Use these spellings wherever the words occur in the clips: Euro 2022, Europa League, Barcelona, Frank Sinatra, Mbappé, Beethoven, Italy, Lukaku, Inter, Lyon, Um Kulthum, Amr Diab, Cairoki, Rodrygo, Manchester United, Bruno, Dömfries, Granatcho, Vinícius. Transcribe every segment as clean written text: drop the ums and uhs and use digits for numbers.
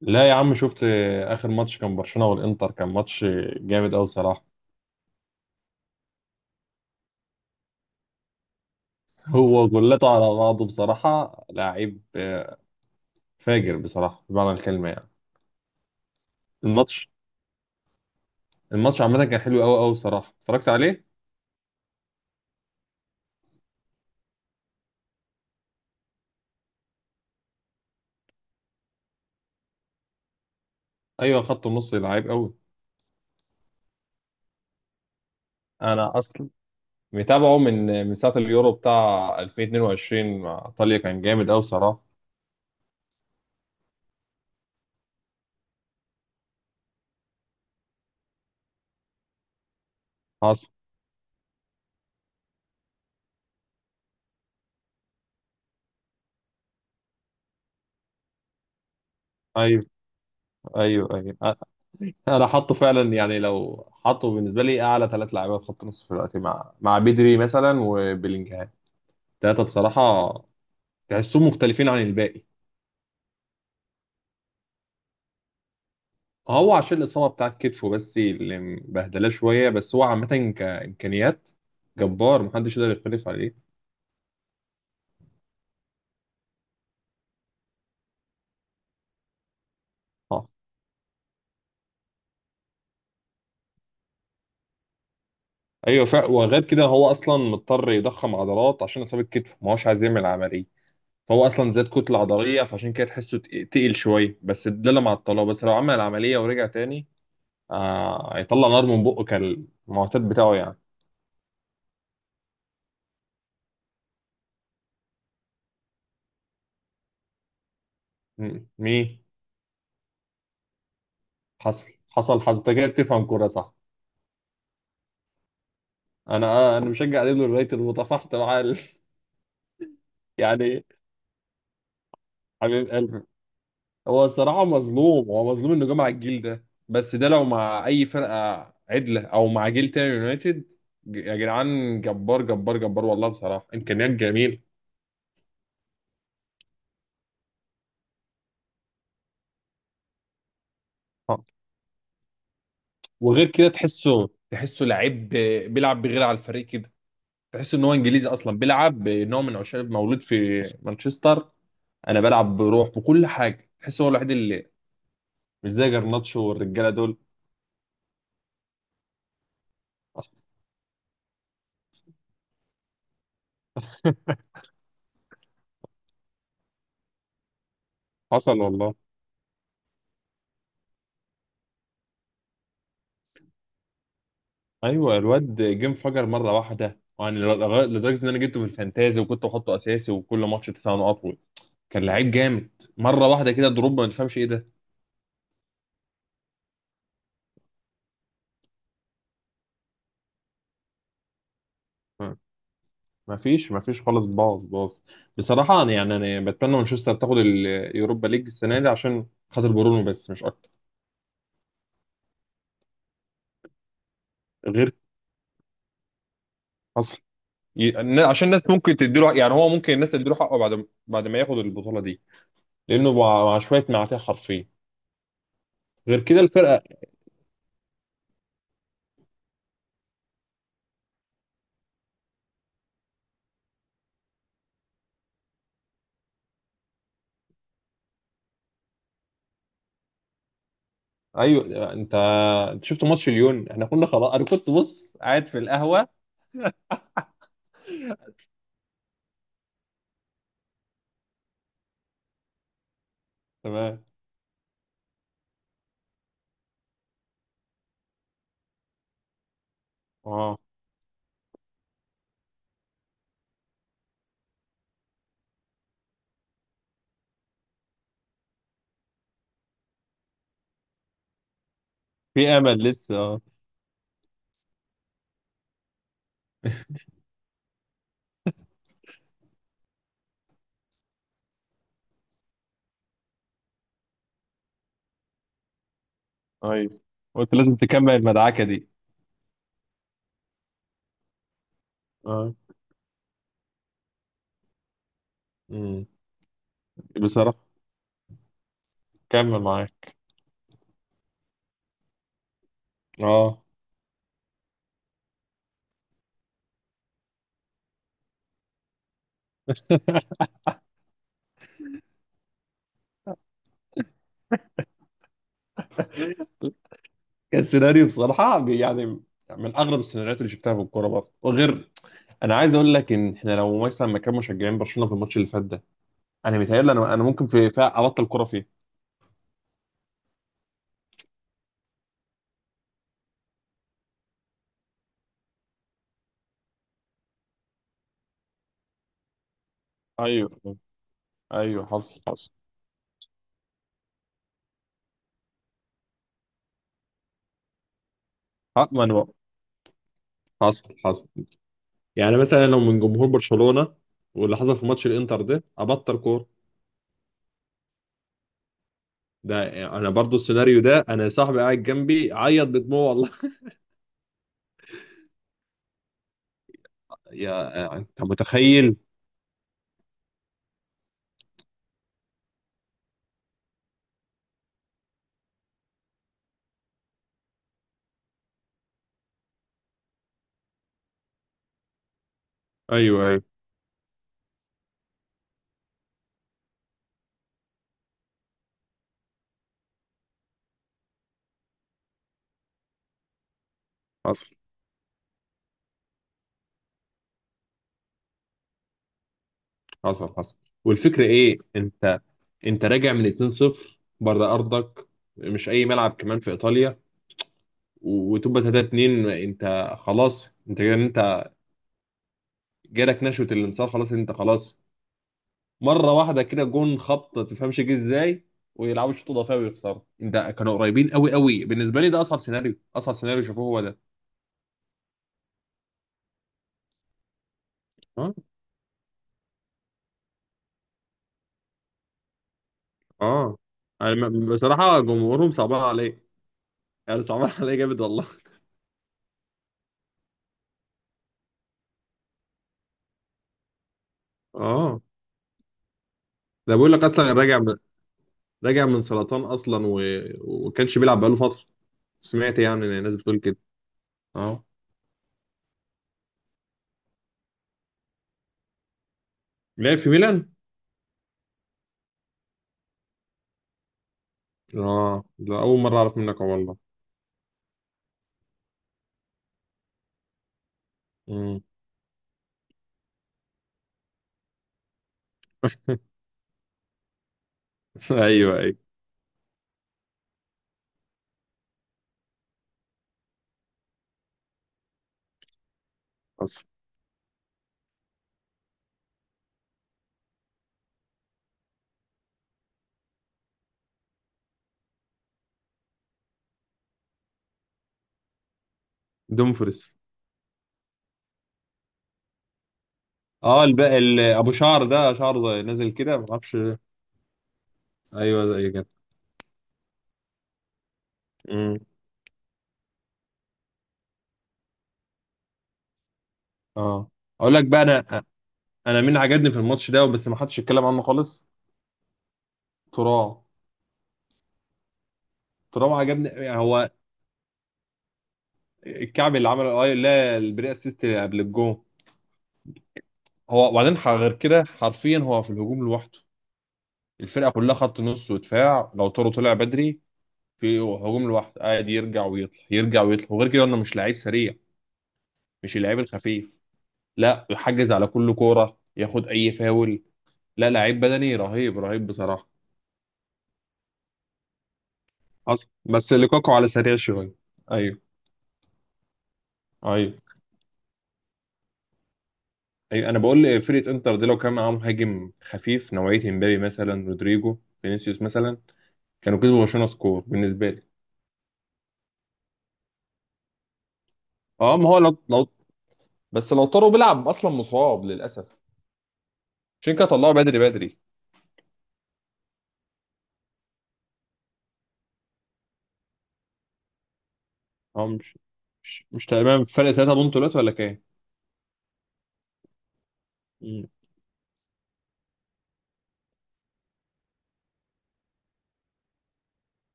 لا يا عم، شفت. اخر ماتش كان برشلونه والانتر، كان ماتش جامد قوي بصراحه. هو جولته على بعضه بصراحه لعيب، آه. فاجر بصراحه بمعنى الكلمه يعني. الماتش الماتش عامه كان حلو قوي قوي بصراحه، اتفرجت عليه. ايوه، خط النص لعيب قوي. انا اصلا متابعه من ساعه اليورو بتاع 2022 مع ايطاليا، كان جامد قوي بصراحه. حصل. ايوه، ايوه، ايوه، انا حاطه فعلا، يعني لو حاطه بالنسبه لي اعلى 3 لعيبه في خط النص في الوقت مع بدري مثلا وبيلينجهام. التلاتة بصراحة تحسهم مختلفين عن الباقي. هو عشان الإصابة بتاعت كتفه، بس اللي مبهدلاه شوية، بس هو عامة كإمكانيات جبار، محدش يقدر يختلف عليه. اه، أيوة، فا وغير كده هو أصلا مضطر يضخم عضلات عشان إصابة كتفه، ما هوش عايز يعمل عملية. فهو أصلا زاد كتلة عضلية، فعشان كده تحسه تقيل شوية، بس ده اللي مع الطلاق، بس لو عمل العملية ورجع تاني هيطلع نار من بقه كالمعتاد بتاعه يعني. مين؟ حصل، حصل، حصل. انت كده بتفهم كورة، صح؟ انا مشجع اليوم اليونايتد وتفاحت معاه. يعني حبيب قلبي. هو الصراحه مظلوم، هو مظلوم انه جه مع الجيل ده، بس ده لو مع اي فرقه عدله او مع جيل تاني يونايتد. يا جدعان، جبار جبار جبار والله، بصراحه امكانيات جميله. آه. وغير كده تحسه لعيب، بيلعب بغير على الفريق كده. تحس ان هو انجليزي اصلا بيلعب، نوع من عشاق مولود في مانشستر. انا بلعب بروح بكل حاجه، تحس هو الوحيد اللي مش زي جرناتشو والرجاله دول. حصل والله. ايوه، الواد جه انفجر مره واحده يعني، لدرجه ان انا جبته في الفانتازي وكنت بحطه اساسي وكل ماتش 9 نقط . كان لعيب جامد. مره واحده كده دروب، ما تفهمش ايه ده. ما فيش ما فيش خالص، باظ باظ. بصراحه يعني انا بتمنى مانشستر تاخد اليوروبا ليج السنه دي عشان خاطر برونو، بس مش اكتر. غير اصلا عشان الناس ممكن تديله، يعني هو ممكن الناس تديله حقه بعد ما ياخد البطوله دي. لانه مع شويه معاتيه حرفيا. غير كده الفرقه. ايوه، انت شفت ماتش ليون، احنا كنا خلاص، انا كنت بص قاعد في القهوه. تمام. اه، في امل لسه، اه. ايوه، قلت لازم تكمل المدعكه دي. اه. امم بصراحة كمل معايا، اه. كان سيناريو بصراحه يعني من اغرب السيناريوهات اللي شفتها في الكوره برضه. وغير، انا عايز اقول لك ان احنا لو مثلا مكان مشجعين برشلونه في الماتش اللي فات ده، انا متهيألي انا ممكن فيها ابطل كوره فيه. ايوه، ايوه، حصل، حصل. اه، ما انا بقى. حصل، حصل، يعني مثلا لو من جمهور برشلونة واللي حصل في ماتش الانتر ده، ابطل كوره. ده انا برضو السيناريو ده، انا صاحبي قاعد جنبي عيط بدموع والله. يا انت متخيل. ايوه، ايوه، حصل، حصل، حصل. والفكره ايه؟ انت راجع من 2-0 بره ارضك، مش اي ملعب كمان في ايطاليا، وتبقى 3-2، انت خلاص، انت كده، انت جالك نشوة الانتصار، خلاص انت خلاص. مره واحده كده جون خبط، ما تفهمش جه ازاي، ويلعبوا شوط اضافي ويخسروا. ده كانوا قريبين قوي قوي بالنسبه لي، ده اصعب سيناريو، اصعب سيناريو شافوه هو ده. اه، اه، يعني بصراحه جمهورهم صعبان عليه، يعني صعبان عليه جامد والله. اه، ده بيقول لك اصلا راجع من سرطان اصلا. وكانش بيلعب بقاله فتره. سمعت يعني إن الناس بتقول كده. اه، لعب في ميلان. اه، ده اول مره اعرف منك والله. امم ايوه، ايوه، حصل. دومفريس. اه، ابو شعر ده، شعره نازل كده ما اعرفش. ايوه زي كده. امم اه، اقول لك بقى، انا مين عجبني في الماتش ده، بس ما حدش اتكلم عنه خالص. ترام. ترام عجبني، يعني هو الكعب اللي عمله، اي لا، البري اسيست قبل الجون. هو، وبعدين غير كده حرفيا هو في الهجوم لوحده، الفرقه كلها خط نص ودفاع، لو تورو طلع بدري، في هجوم لوحده قاعد يرجع ويطلع، يرجع ويطلع. وغير كده انه مش لعيب سريع، مش اللعيب الخفيف لا يحجز على كل كوره، ياخد اي فاول. لا، لعيب بدني رهيب رهيب بصراحة. حصل، بس لوكاكو على سريع شوية. ايوه، ايوه، ايوه، انا بقول فرقة انتر دي لو كان معاهم مهاجم خفيف نوعية امبابي مثلا، رودريجو، فينيسيوس مثلا، كانوا كسبوا برشلونة سكور بالنسبة لي. اه، ما هو لو بس لو طاروا بيلعب اصلا مصاب للاسف، عشان كده طلعوا بدري بدري. اه، مش تمام، فرق 3 بونت دلوقتي ولا كام؟ مم.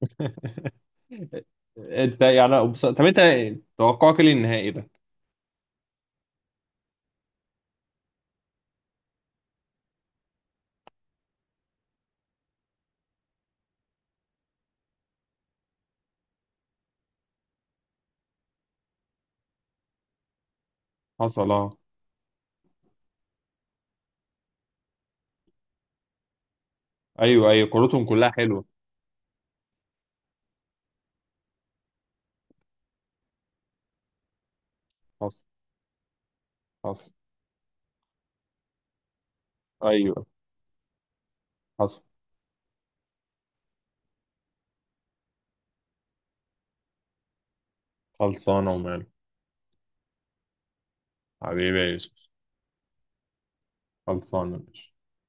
انت يعني بص، طب انت توقعك ايه للنهائي ده؟ حصل، اه. ايوه، ايوه، كورتهم كلها حلوه. حصل، حصل. ايوه، حصل. خلصانه وماله. حبيبي يا يوسف. خلصانه ماشي.